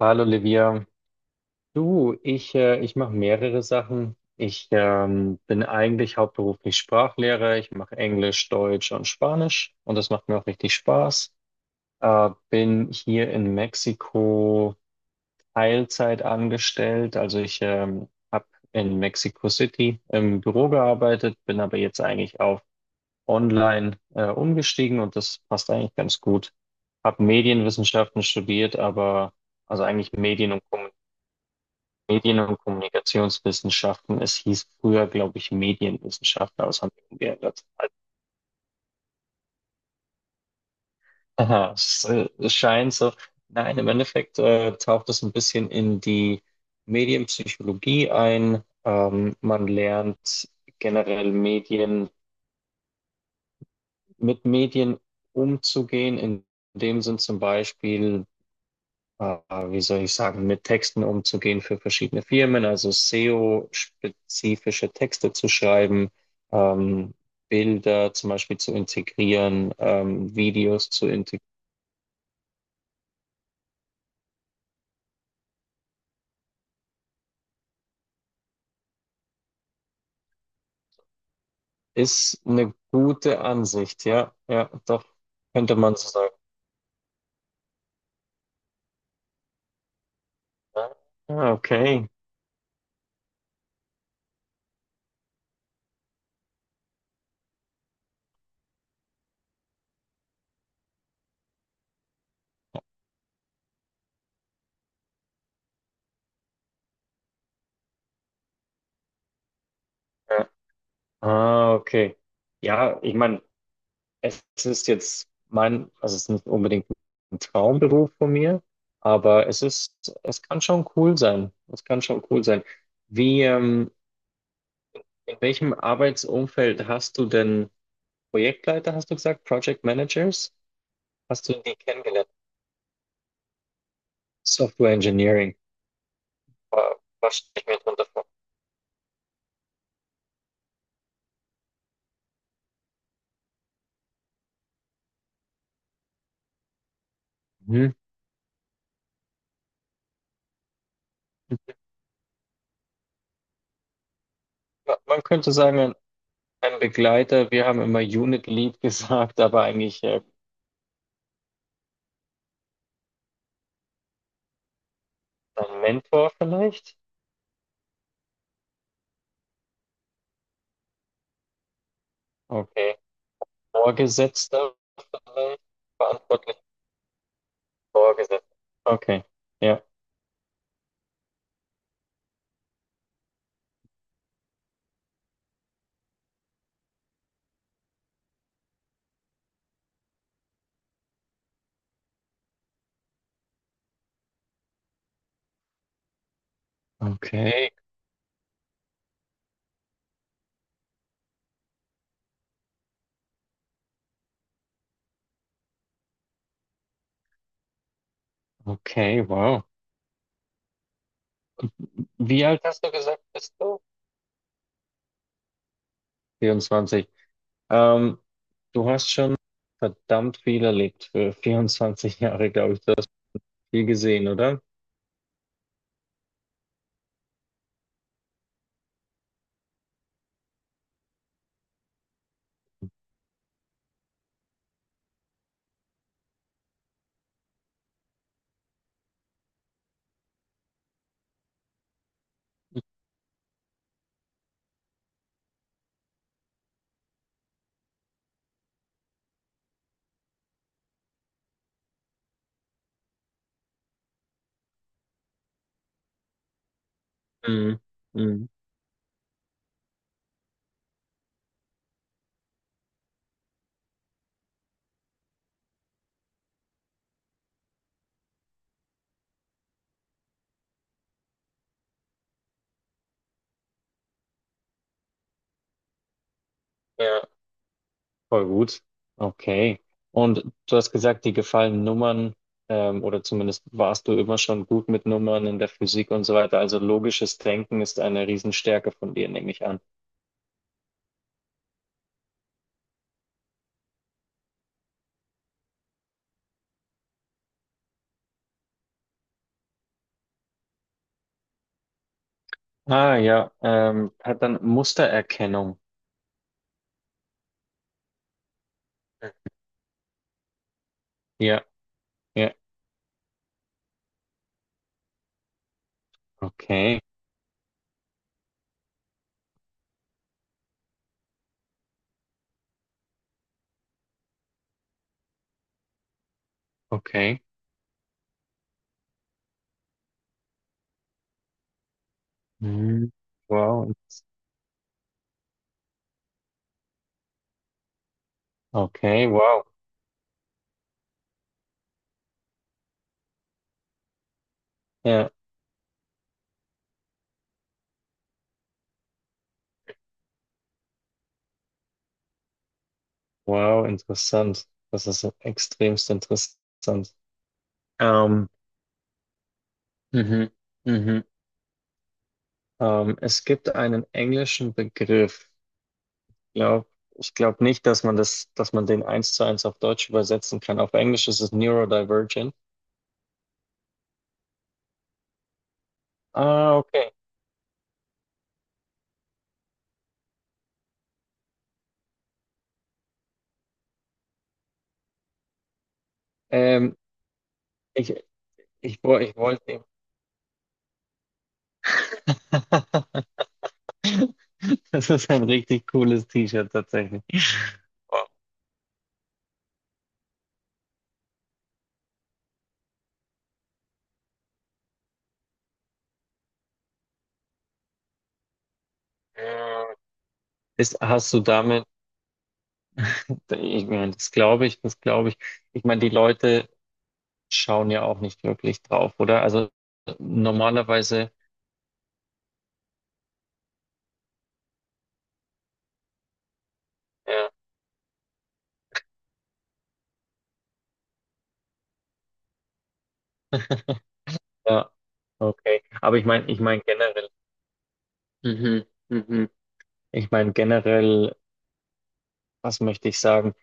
Hallo Livia, du, ich mache mehrere Sachen. Ich bin eigentlich hauptberuflich Sprachlehrer. Ich mache Englisch, Deutsch und Spanisch und das macht mir auch richtig Spaß. Bin hier in Mexiko Teilzeit angestellt. Also ich habe in Mexico City im Büro gearbeitet, bin aber jetzt eigentlich auf Online umgestiegen und das passt eigentlich ganz gut. Hab Medienwissenschaften studiert, aber also eigentlich Medien und Kommunikation. Medien- und Kommunikationswissenschaften. Es hieß früher, glaube ich, Medienwissenschaften, aber das haben wir umgeändert. Aha, es scheint so. Nein, im Endeffekt taucht es ein bisschen in die Medienpsychologie ein. Man lernt generell Medien, mit Medien umzugehen. In dem Sinn zum Beispiel, äh, wie soll ich sagen, mit Texten umzugehen für verschiedene Firmen, also SEO-spezifische Texte zu schreiben, ähm, Bilder zum Beispiel zu integrieren, Videos zu integrieren. Ist eine gute Ansicht, ja, ja, doch, könnte man so sagen. Ah, okay. Ja. Ah, okay. Ja, ich meine, es ist jetzt mein, also es ist nicht unbedingt ein Traumberuf von mir, aber es ist, es kann schon cool sein. Es kann schon cool sein. Wie, ähm, in welchem Arbeitsumfeld hast du denn Projektleiter, hast du gesagt, Project Managers? Hast du die kennengelernt? Software Engineering. Was stelle ich mir darunter vor? Mhm. Man könnte sagen, ein Begleiter, wir haben immer Unit Lead gesagt, aber eigentlich ein Mentor vielleicht? Okay. Vorgesetzter vielleicht? Verantwortlich Vorgesetzter. Okay. Ja. Okay. Okay, wow. Wie alt hast du gesagt, bist du? 24. Ähm, du hast schon verdammt viel erlebt für 24 Jahre, glaube ich. Du hast viel gesehen, oder? Mhm. Mhm. Ja. Voll gut. Okay. Und du hast gesagt, die gefallen Nummern, oder zumindest warst du immer schon gut mit Nummern in der Physik und so weiter. Also logisches Denken ist eine Riesenstärke von dir, nehme ich an. Ah, ja, hat dann Mustererkennung. Ja, ja. Okay, okay. Mhm. Wow. Okay, wow. Ja, wow, interessant. Das ist extremst interessant. Ähm, mhm, mhm. Es gibt einen englischen Begriff. Glaub, ich glaube nicht, dass man das, dass man den eins zu eins auf Deutsch übersetzen kann. Auf Englisch ist es neurodivergent. Ah, okay. Ähm, ich, ich wollte. Das ist ein richtig cooles T-Shirt tatsächlich. Äh, Ist, hast du damit, ich meine, das glaube ich, das glaube ich. Ich meine, die Leute schauen ja auch nicht wirklich drauf, oder? Also normalerweise, ja. Ja, okay. Aber ich meine generell, mhm, mhm. Ich meine generell, was möchte ich sagen?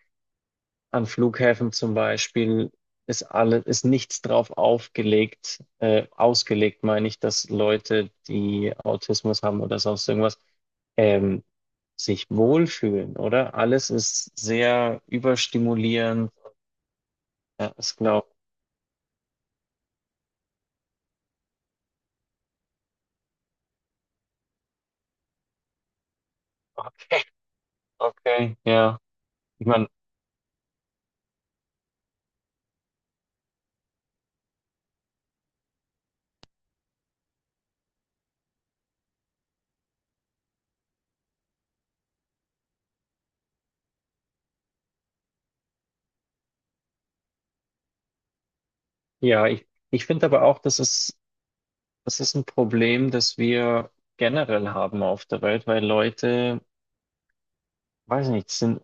An Flughäfen zum Beispiel ist alles, ist nichts ausgelegt, meine ich, dass Leute, die Autismus haben oder sonst irgendwas, ähm, sich wohlfühlen, oder? Alles ist sehr überstimulierend. Ja, ich glaube. Okay, okay, ja. Ich meine, ja, ich finde aber auch, das ist das ist ein Problem, das wir generell haben auf der Welt, weil Leute, weiß nicht, sind,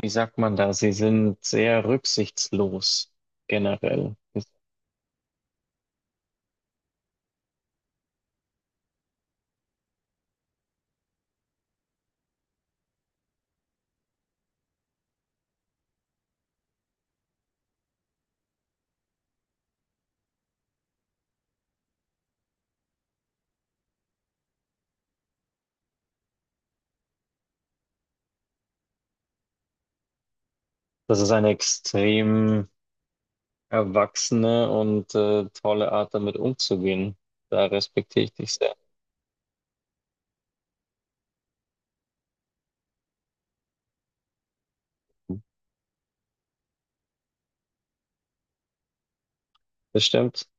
wie sagt man da, sie sind sehr rücksichtslos generell. Das ist eine extrem erwachsene und tolle Art, damit umzugehen. Da respektiere ich dich sehr. Das stimmt,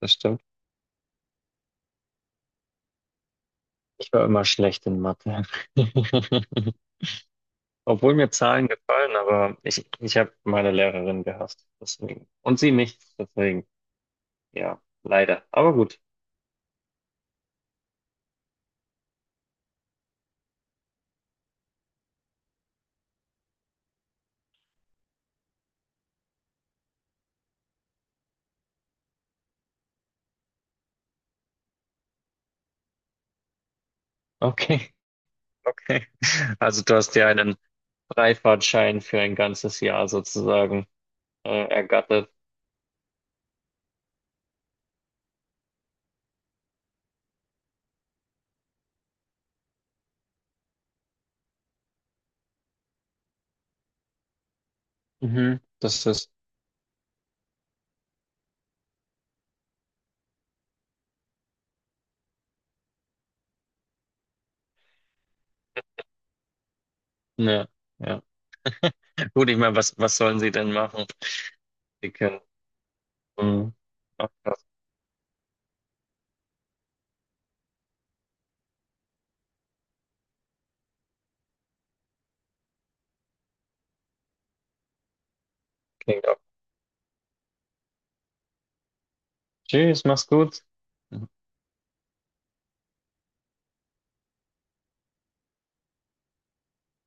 das stimmt. Ich war immer schlecht in Mathe. Obwohl mir Zahlen gefallen, aber ich habe meine Lehrerin gehasst, deswegen. Und sie mich, deswegen. Ja, leider. Aber gut. Okay, okay. Also du hast dir einen Freifahrtschein für ein ganzes Jahr sozusagen ergattert. Mhm. Das ist, ne, ja. Gut, ich meine, was sollen sie denn machen? Die können. Mhm. Ach, das klingt auch. Tschüss, mach's gut.